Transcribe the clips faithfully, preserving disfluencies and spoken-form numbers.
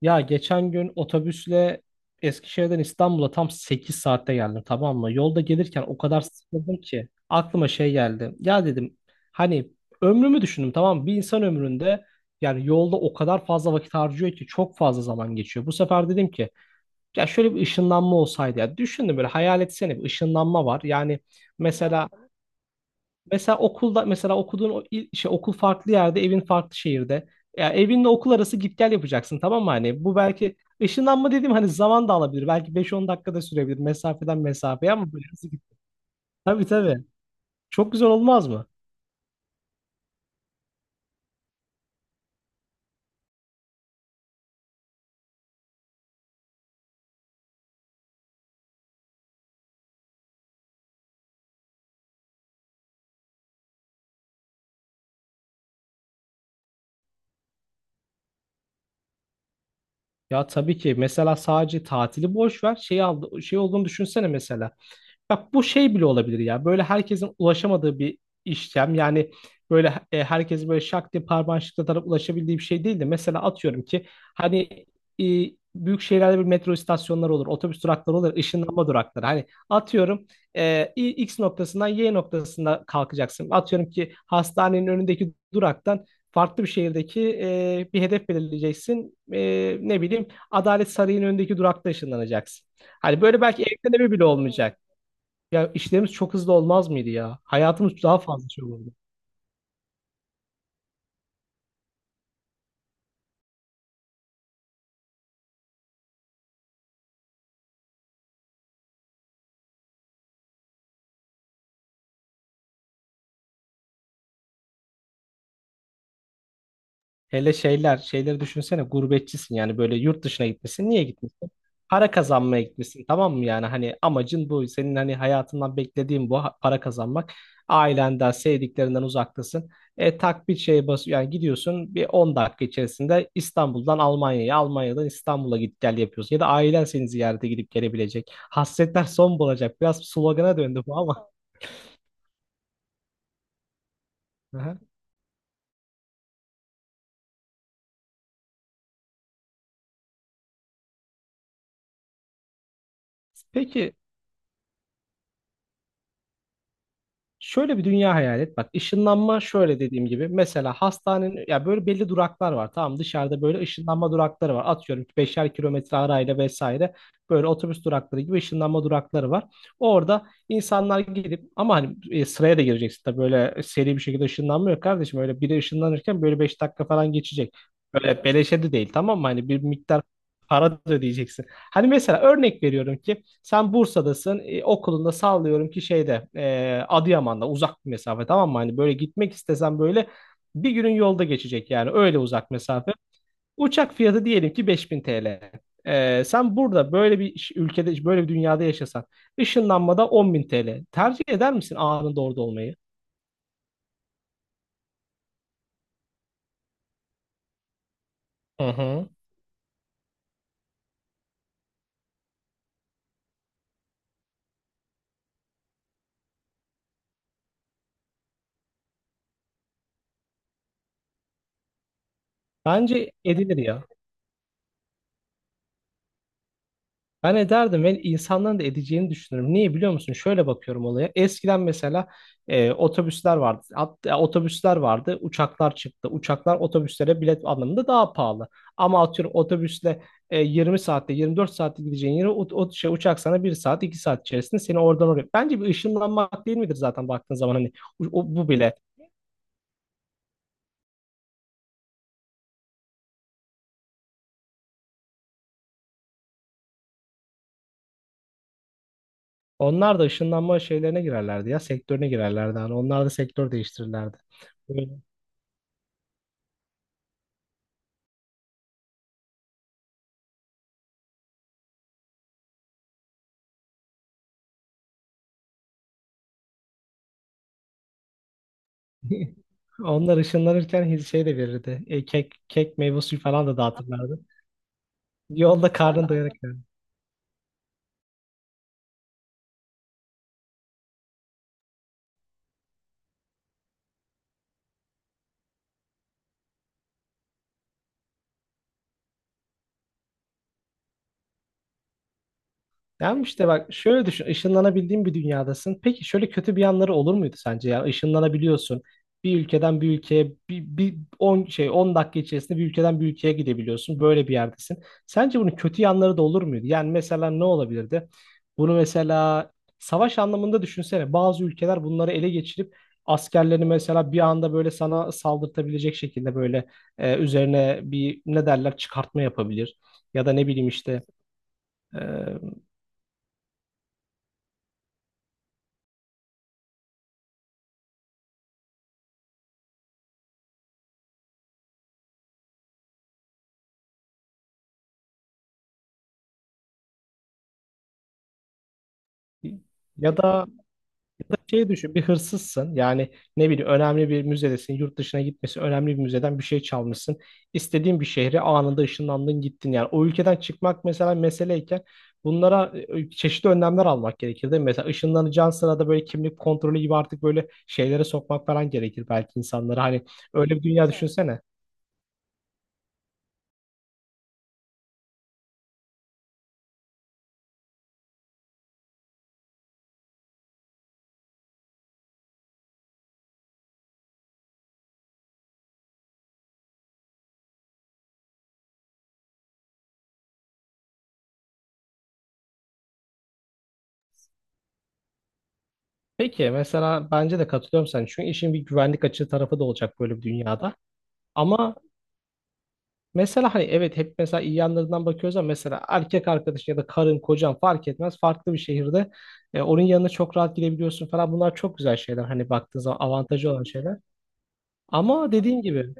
Ya geçen gün otobüsle Eskişehir'den İstanbul'a tam sekiz saatte geldim, tamam mı? Yolda gelirken o kadar sıkıldım ki aklıma şey geldi. Ya dedim, hani ömrümü düşündüm, tamam mı? Bir insan ömründe yani yolda o kadar fazla vakit harcıyor ki çok fazla zaman geçiyor. Bu sefer dedim ki ya şöyle bir ışınlanma olsaydı ya, düşündüm böyle, hayal etsene bir ışınlanma var. Yani mesela Mesela okulda mesela okuduğun o il- şey okul farklı yerde, evin farklı şehirde. Ya evinle okul arası git gel yapacaksın, tamam mı? Hani bu belki ışınlanma dediğim hani zaman da alabilir. Belki beş on dakikada sürebilir mesafeden mesafeye, ama böyle hızlı git. Tabii tabii. Çok güzel olmaz mı? Ya tabii ki. Mesela sadece tatili boş ver. Şey aldı, şey olduğunu düşünsene mesela. Bak bu şey bile olabilir ya. Böyle herkesin ulaşamadığı bir işlem. Yani böyle e, herkes böyle şak diye parmağını şıklatarak ulaşabildiği bir şey değil de, mesela atıyorum ki, hani, e, büyük şehirlerde bir metro istasyonları olur, otobüs durakları olur, ışınlanma durakları. Hani atıyorum e, İ- X noktasından Y noktasına kalkacaksın. Atıyorum ki hastanenin önündeki duraktan farklı bir şehirdeki e, bir hedef belirleyeceksin. E, ne bileyim, Adalet Sarayı'nın önündeki durakta ışınlanacaksın. Hani böyle belki evlenme bile olmayacak. Ya işlerimiz çok hızlı olmaz mıydı ya? Hayatımız daha fazla şey olurdu. Hele şeyler, şeyleri düşünsene, gurbetçisin yani, böyle yurt dışına gitmişsin. Niye gitmişsin? Para kazanmaya gitmişsin, tamam mı, yani hani amacın bu. Senin hani hayatından beklediğin bu, ha- para kazanmak. Ailenden, sevdiklerinden uzaktasın. E tak bir şeye bas, yani gidiyorsun bir on dakika içerisinde İstanbul'dan Almanya'ya, Almanya'dan İstanbul'a git gel yapıyorsun. Ya da ailen seni ziyarete gidip gelebilecek. Hasretler son bulacak. Biraz slogana döndü bu ama. Aha. Peki, Şöyle bir dünya hayal et. Bak, ışınlanma şöyle dediğim gibi. Mesela hastanenin, ya böyle belli duraklar var. Tamam, dışarıda böyle ışınlanma durakları var. Atıyorum beşer kilometre arayla vesaire. Böyle otobüs durakları gibi ışınlanma durakları var. Orada insanlar gidip, ama hani e, sıraya da gireceksin tabii, böyle seri bir şekilde ışınlanmıyor kardeşim. Öyle biri ışınlanırken böyle beş dakika falan geçecek. Böyle beleşe de değil, tamam mı? Hani bir miktar para da ödeyeceksin. Hani mesela örnek veriyorum ki, sen Bursa'dasın. E, okulunda sallıyorum ki şeyde, e, Adıyaman'da, uzak bir mesafe, tamam mı? Hani böyle gitmek istesen böyle bir günün yolda geçecek, yani öyle uzak mesafe. Uçak fiyatı diyelim ki beş bin T L. E, sen burada böyle bir iş- ülkede, böyle bir dünyada yaşasan, ışınlanmada on bin lira. Tercih eder misin anında orada olmayı? Hı hı. Bence edilir ya. Ben ederdim ve insanların da edeceğini düşünüyorum. Niye biliyor musun? Şöyle bakıyorum olaya. Eskiden mesela e, otobüsler vardı. At- e, otobüsler vardı. Uçaklar çıktı. Uçaklar otobüslere bilet anlamında daha pahalı. Ama atıyorum otobüsle e, yirmi saatte, yirmi dört saatte gideceğin yere o, o şey, uçak sana bir saat, iki saat içerisinde seni oradan oraya. Bence bir ışınlanmak değil midir zaten baktığın zaman, hani o- o- bu bile. Onlar da ışınlanma şeylerine girerlerdi ya, sektörüne girerlerdi. Hani onlar da sektör değiştirirlerdi. Onlar ışınlanırken şey de verirdi. E, kek, kek meyve suyu falan da dağıtırlardı. Yolda karnın doyarak. Yani işte bak şöyle düşün. Işınlanabildiğin bir dünyadasın. Peki şöyle kötü bir yanları olur muydu sence ya? Işınlanabiliyorsun. Bir ülkeden bir ülkeye, bir, bir on şey on dakika içerisinde bir ülkeden bir ülkeye gidebiliyorsun. Böyle bir yerdesin. Sence bunun kötü yanları da olur muydu? Yani mesela ne olabilirdi? Bunu mesela savaş anlamında düşünsene. Bazı ülkeler bunları ele geçirip askerlerini mesela bir anda böyle sana saldırtabilecek şekilde, böyle e, üzerine bir ne derler, çıkartma yapabilir. Ya da ne bileyim işte, e, Ya da, ya da şey düşün, bir hırsızsın yani, ne bileyim önemli bir müzedesin, yurt dışına gitmesi önemli bir müzeden bir şey çalmışsın, istediğin bir şehre anında ışınlandın, gittin. Yani o ülkeden çıkmak mesela meseleyken, bunlara e, çeşitli önlemler almak gerekir, değil mi? Mesela ışınlanacağın sırada böyle kimlik kontrolü gibi, artık böyle şeylere sokmak falan gerekir belki insanlara, hani öyle bir dünya, Evet. düşünsene. Peki mesela, bence de katılıyorum sen, çünkü işin bir güvenlik açığı tarafı da olacak böyle bir dünyada. Ama mesela, hani evet, hep mesela iyi yanlarından bakıyoruz, ama mesela erkek arkadaşın ya da karın, kocan fark etmez. Farklı bir şehirde e, onun yanına çok rahat gidebiliyorsun falan. Bunlar çok güzel şeyler, hani baktığın zaman avantajı olan şeyler. Ama dediğin gibi,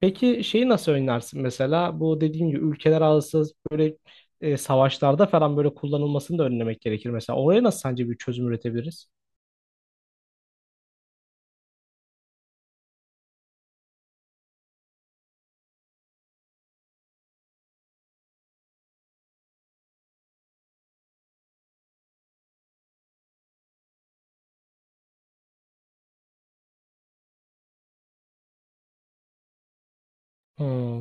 peki şeyi nasıl önlersin mesela? Bu dediğim gibi, ülkeler arası böyle e, savaşlarda falan böyle kullanılmasını da önlemek gerekir mesela. Oraya nasıl sence bir çözüm üretebiliriz? Hmm.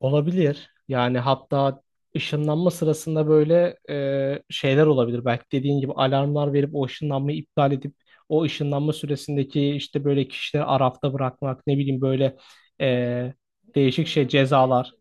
Olabilir. Yani hatta ışınlanma sırasında böyle e, şeyler olabilir. Belki dediğin gibi alarmlar verip o ışınlanmayı iptal edip, o ışınlanma süresindeki, işte böyle kişileri arafta bırakmak, ne bileyim, böyle e, değişik şey cezalar.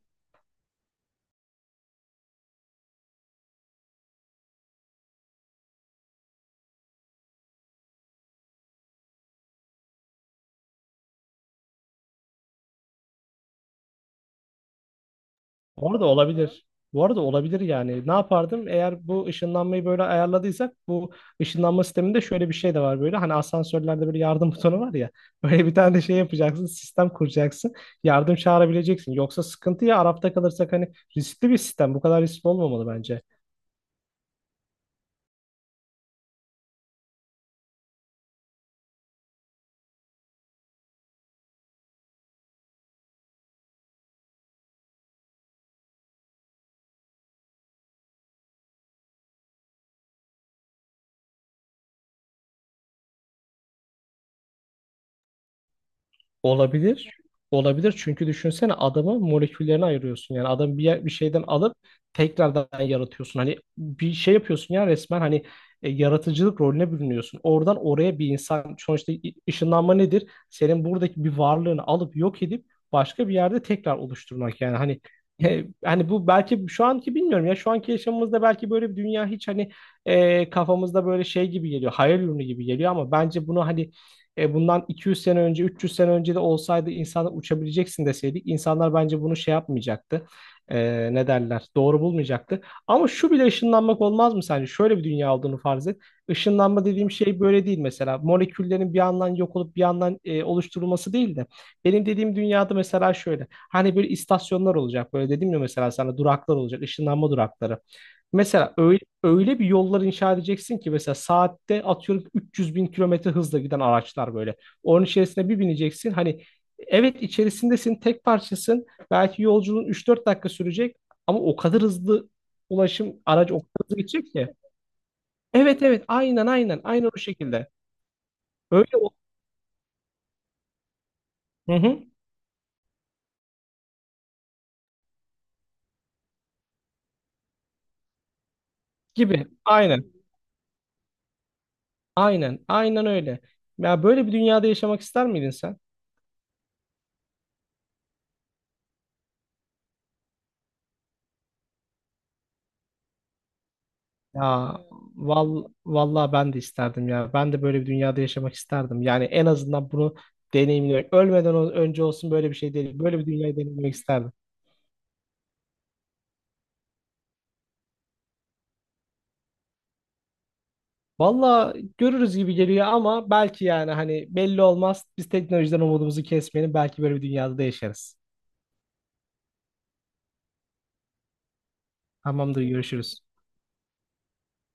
Bu arada olabilir. Bu arada olabilir yani. Ne yapardım? Eğer bu ışınlanmayı böyle ayarladıysak, bu ışınlanma sisteminde şöyle bir şey de var böyle. Hani asansörlerde böyle yardım butonu var ya. Böyle bir tane de şey yapacaksın. Sistem kuracaksın. Yardım çağırabileceksin. Yoksa sıkıntı ya, Arap'ta kalırsak, hani riskli bir sistem. Bu kadar riskli olmamalı bence. Olabilir. Olabilir, çünkü düşünsene, adamı moleküllerine ayırıyorsun. Yani adam bir, yer- bir şeyden alıp tekrardan yaratıyorsun. Hani bir şey yapıyorsun ya resmen, hani e, yaratıcılık rolüne bürünüyorsun. Oradan oraya bir insan sonuçta, i- ışınlanma nedir? Senin buradaki bir varlığını alıp yok edip başka bir yerde tekrar oluşturmak, yani hani e, hani bu belki şu anki, bilmiyorum ya, şu anki yaşamımızda belki böyle bir dünya hiç, hani e, kafamızda böyle şey gibi geliyor, hayal ürünü gibi geliyor, ama bence bunu, hani e, bundan iki yüz sene önce, üç yüz sene önce de olsaydı, insanlar uçabileceksin deseydik, insanlar bence bunu şey yapmayacaktı. E, ne derler? Doğru bulmayacaktı. Ama şu bile ışınlanmak olmaz mı sence? Şöyle bir dünya olduğunu farz et. Işınlanma dediğim şey böyle değil mesela. Moleküllerin bir yandan yok olup bir yandan e, oluşturulması değil de. Benim dediğim dünyada mesela şöyle. Hani böyle istasyonlar olacak. Böyle dedim ya, mesela sana duraklar olacak. Işınlanma durakları. Mesela öyle, öyle bir yollar inşa edeceksin ki, mesela saatte atıyorum üç yüz bin kilometre hızla giden araçlar böyle. Onun içerisine bir bineceksin. Hani evet, içerisindesin, tek parçasın. Belki yolculuğun üç dört dakika sürecek, ama o kadar hızlı ulaşım aracı o kadar hızlı gidecek ki. Evet evet, aynen aynen aynen, o şekilde. Öyle, o hı hı, gibi aynen aynen aynen öyle. Ya böyle bir dünyada yaşamak ister miydin sen? Ya, val, vallahi ben de isterdim ya. Ben de böyle bir dünyada yaşamak isterdim. Yani en azından bunu deneyimlemek. Ölmeden o- önce olsun böyle bir şey, değil. Böyle bir dünyayı deneyimlemek isterdim. Vallahi görürüz gibi geliyor, ama belki, yani hani belli olmaz. Biz teknolojiden umudumuzu kesmeyelim. Belki böyle bir dünyada da yaşarız. Tamamdır, görüşürüz.